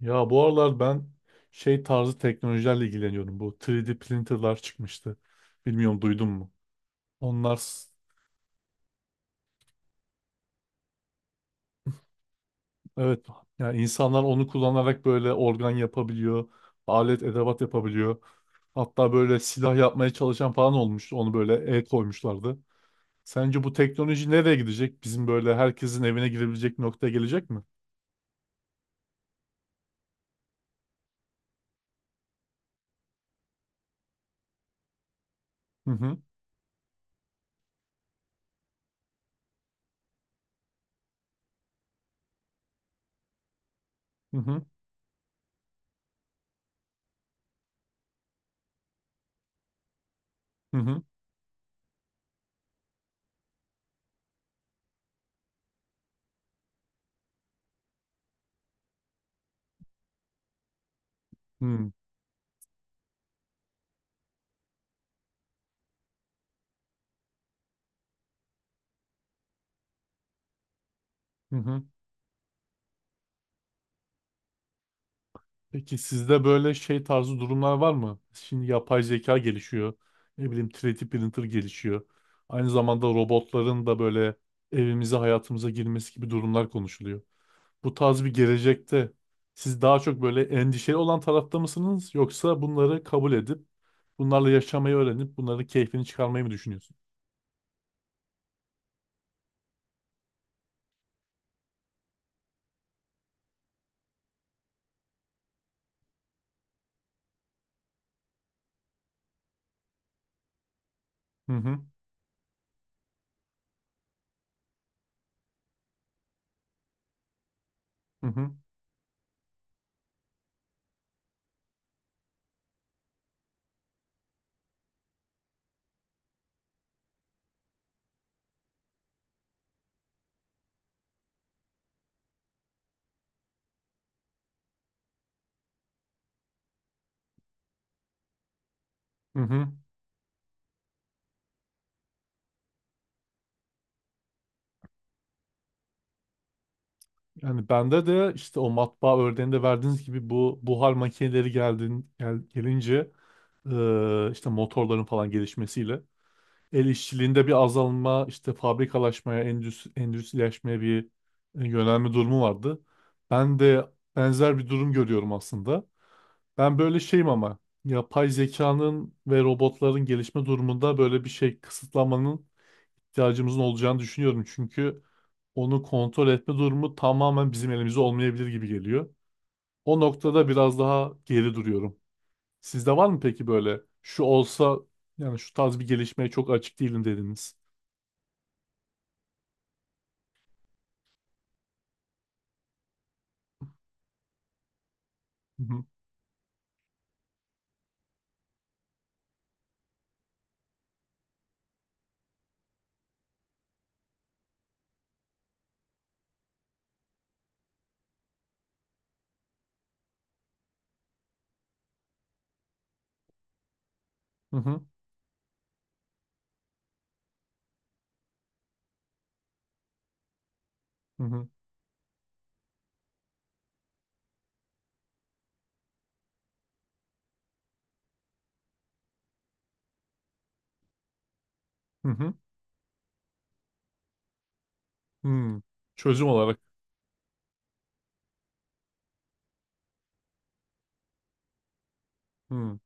Ya bu aralar ben şey tarzı teknolojilerle ilgileniyorum. Bu 3D printerlar çıkmıştı. Bilmiyorum duydun mu? Onlar s- evet. Yani insanlar onu kullanarak böyle organ yapabiliyor. Alet edevat yapabiliyor. Hatta böyle silah yapmaya çalışan falan olmuştu. Onu böyle el koymuşlardı. Sence bu teknoloji nereye gidecek? Bizim böyle herkesin evine girebilecek noktaya gelecek mi? Hı hı hı hı hı hı hı hı. Peki sizde böyle şey tarzı durumlar var mı? Şimdi yapay zeka gelişiyor. Ne bileyim 3D printer gelişiyor. Aynı zamanda robotların da böyle evimize hayatımıza girmesi gibi durumlar konuşuluyor. Bu tarz bir gelecekte siz daha çok böyle endişeli olan tarafta mısınız? Yoksa bunları kabul edip bunlarla yaşamayı öğrenip bunların keyfini çıkarmayı mı düşünüyorsunuz? Hı hı hı hı hı hı. Yani bende de işte o matbaa örneğinde verdiğiniz gibi bu buhar makineleri gelince işte motorların falan gelişmesiyle el işçiliğinde bir azalma, işte fabrikalaşmaya, endüstrileşmeye bir yönelme durumu vardı. Ben de benzer bir durum görüyorum aslında. Ben böyle şeyim ama yapay zekanın ve robotların gelişme durumunda böyle bir şey kısıtlamanın ihtiyacımızın olacağını düşünüyorum. Çünkü onu kontrol etme durumu tamamen bizim elimizde olmayabilir gibi geliyor. O noktada biraz daha geri duruyorum. Sizde var mı peki böyle şu olsa, yani şu tarz bir gelişmeye çok açık değilim dediniz. Hı hı hı hı hı hı. Hı hı. Hmm. Çözüm olarak. Hı.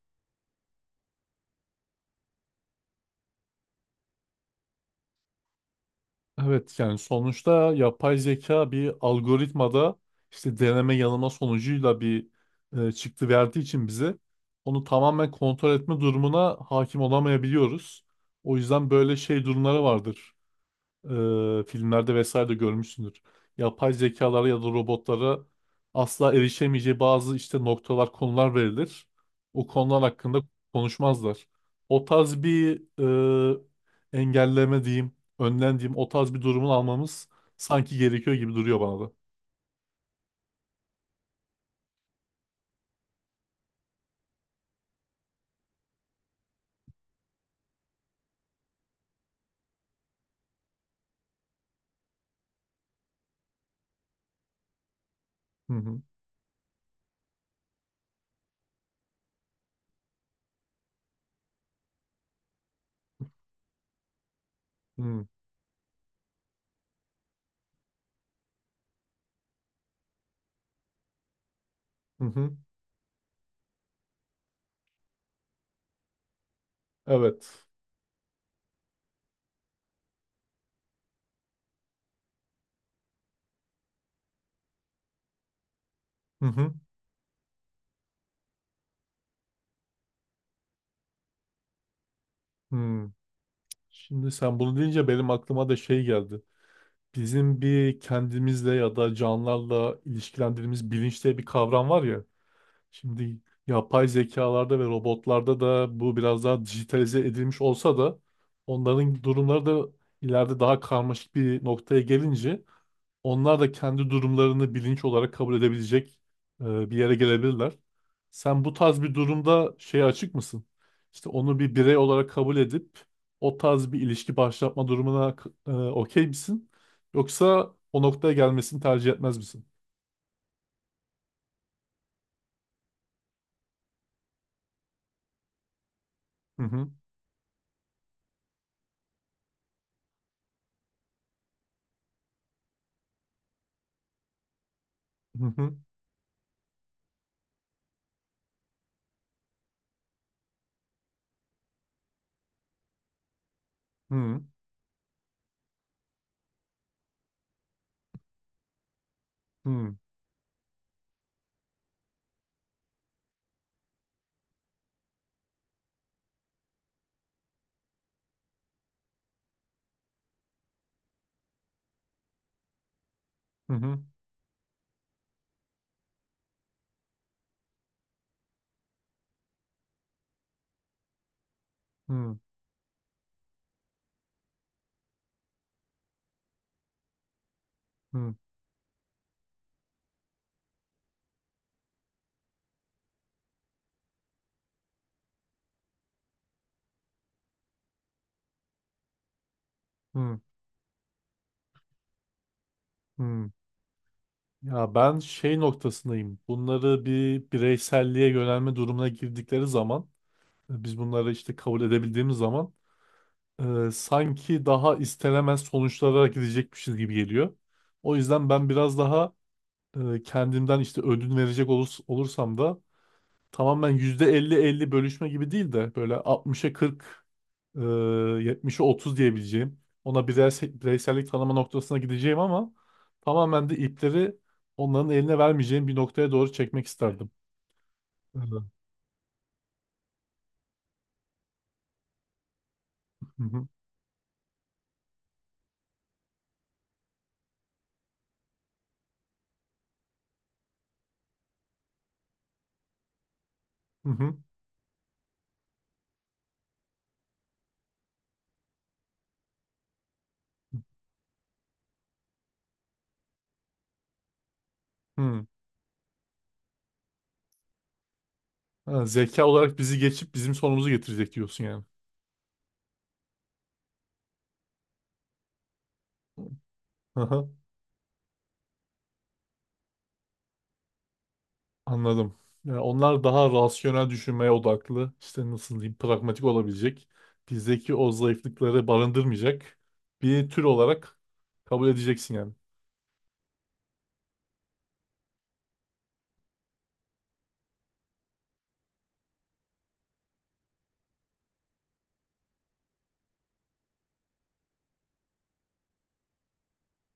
Evet, yani sonuçta yapay zeka bir algoritmada işte deneme yanılma sonucuyla bir çıktı verdiği için bize, onu tamamen kontrol etme durumuna hakim olamayabiliyoruz. O yüzden böyle şey durumları vardır, filmlerde vesaire de görmüşsündür. Yapay zekalara ya da robotlara asla erişemeyeceği bazı işte noktalar, konular verilir. O konular hakkında konuşmazlar. O tarz bir engelleme diyeyim, önlem diyeyim, o tarz bir durumun almamız sanki gerekiyor gibi duruyor bana da. Hı hı. Hı hı. Hı. Evet. Hı hı. Hı. Şimdi sen bunu deyince benim aklıma da şey geldi. Bizim bir kendimizle ya da canlılarla ilişkilendirdiğimiz bilinç diye bir kavram var ya. Şimdi yapay zekalarda ve robotlarda da bu biraz daha dijitalize edilmiş olsa da, onların durumları da ileride daha karmaşık bir noktaya gelince onlar da kendi durumlarını bilinç olarak kabul edebilecek bir yere gelebilirler. Sen bu tarz bir durumda şeye açık mısın? İşte onu bir birey olarak kabul edip o tarz bir ilişki başlatma durumuna okey misin? Yoksa o noktaya gelmesini tercih etmez misin? Hı hı hı hı hı hı hı hı. Hı, hı, hı. Ya ben şey noktasındayım. Bunları bir bireyselliğe yönelme durumuna girdikleri zaman, biz bunları işte kabul edebildiğimiz zaman sanki daha istenemez sonuçlara gidecekmişiz gibi geliyor. O yüzden ben biraz daha kendimden işte ödün verecek olursam da, tamamen %50 elli bölüşme gibi değil de böyle 60'a 40, e, 70'e 30 diyebileceğim. Ona bireysellik tanıma noktasına gideceğim ama tamamen de ipleri onların eline vermeyeceğim bir noktaya doğru çekmek isterdim. Hı. Hı hı. Hı hı. Hı. Ha, zeka olarak bizi geçip bizim sonumuzu getirecek diyorsun yani. Anladım. Yani onlar daha rasyonel düşünmeye odaklı. İşte nasıl diyeyim, pragmatik olabilecek. Bizdeki o zayıflıkları barındırmayacak bir tür olarak kabul edeceksin yani.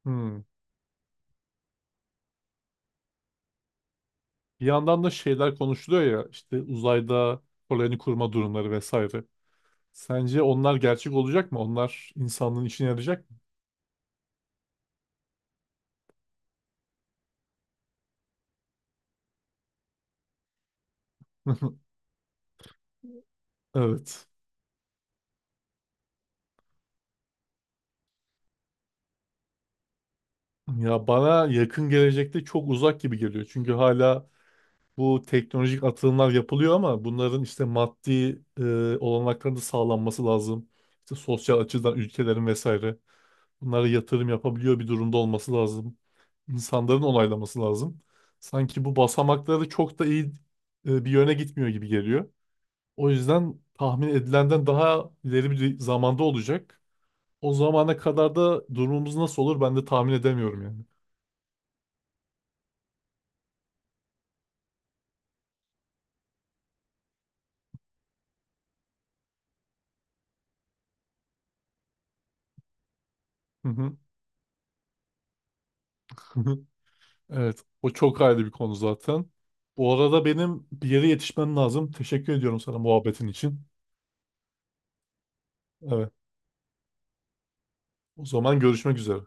Hmm. Bir yandan da şeyler konuşuluyor ya, işte uzayda koloni kurma durumları vesaire. Sence onlar gerçek olacak mı? Onlar insanlığın işine yarayacak mı? Evet. Ya bana yakın gelecekte çok uzak gibi geliyor. Çünkü hala bu teknolojik atılımlar yapılıyor ama bunların işte maddi olanakların da sağlanması lazım. İşte sosyal açıdan ülkelerin vesaire bunlara yatırım yapabiliyor bir durumda olması lazım. İnsanların onaylaması lazım. Sanki bu basamakları çok da iyi bir yöne gitmiyor gibi geliyor. O yüzden tahmin edilenden daha ileri bir zamanda olacak. O zamana kadar da durumumuz nasıl olur, ben de tahmin edemiyorum yani. Hı hı. Evet, o çok ayrı bir konu zaten. Bu arada benim bir yere yetişmem lazım. Teşekkür ediyorum sana muhabbetin için. Evet, o zaman görüşmek üzere.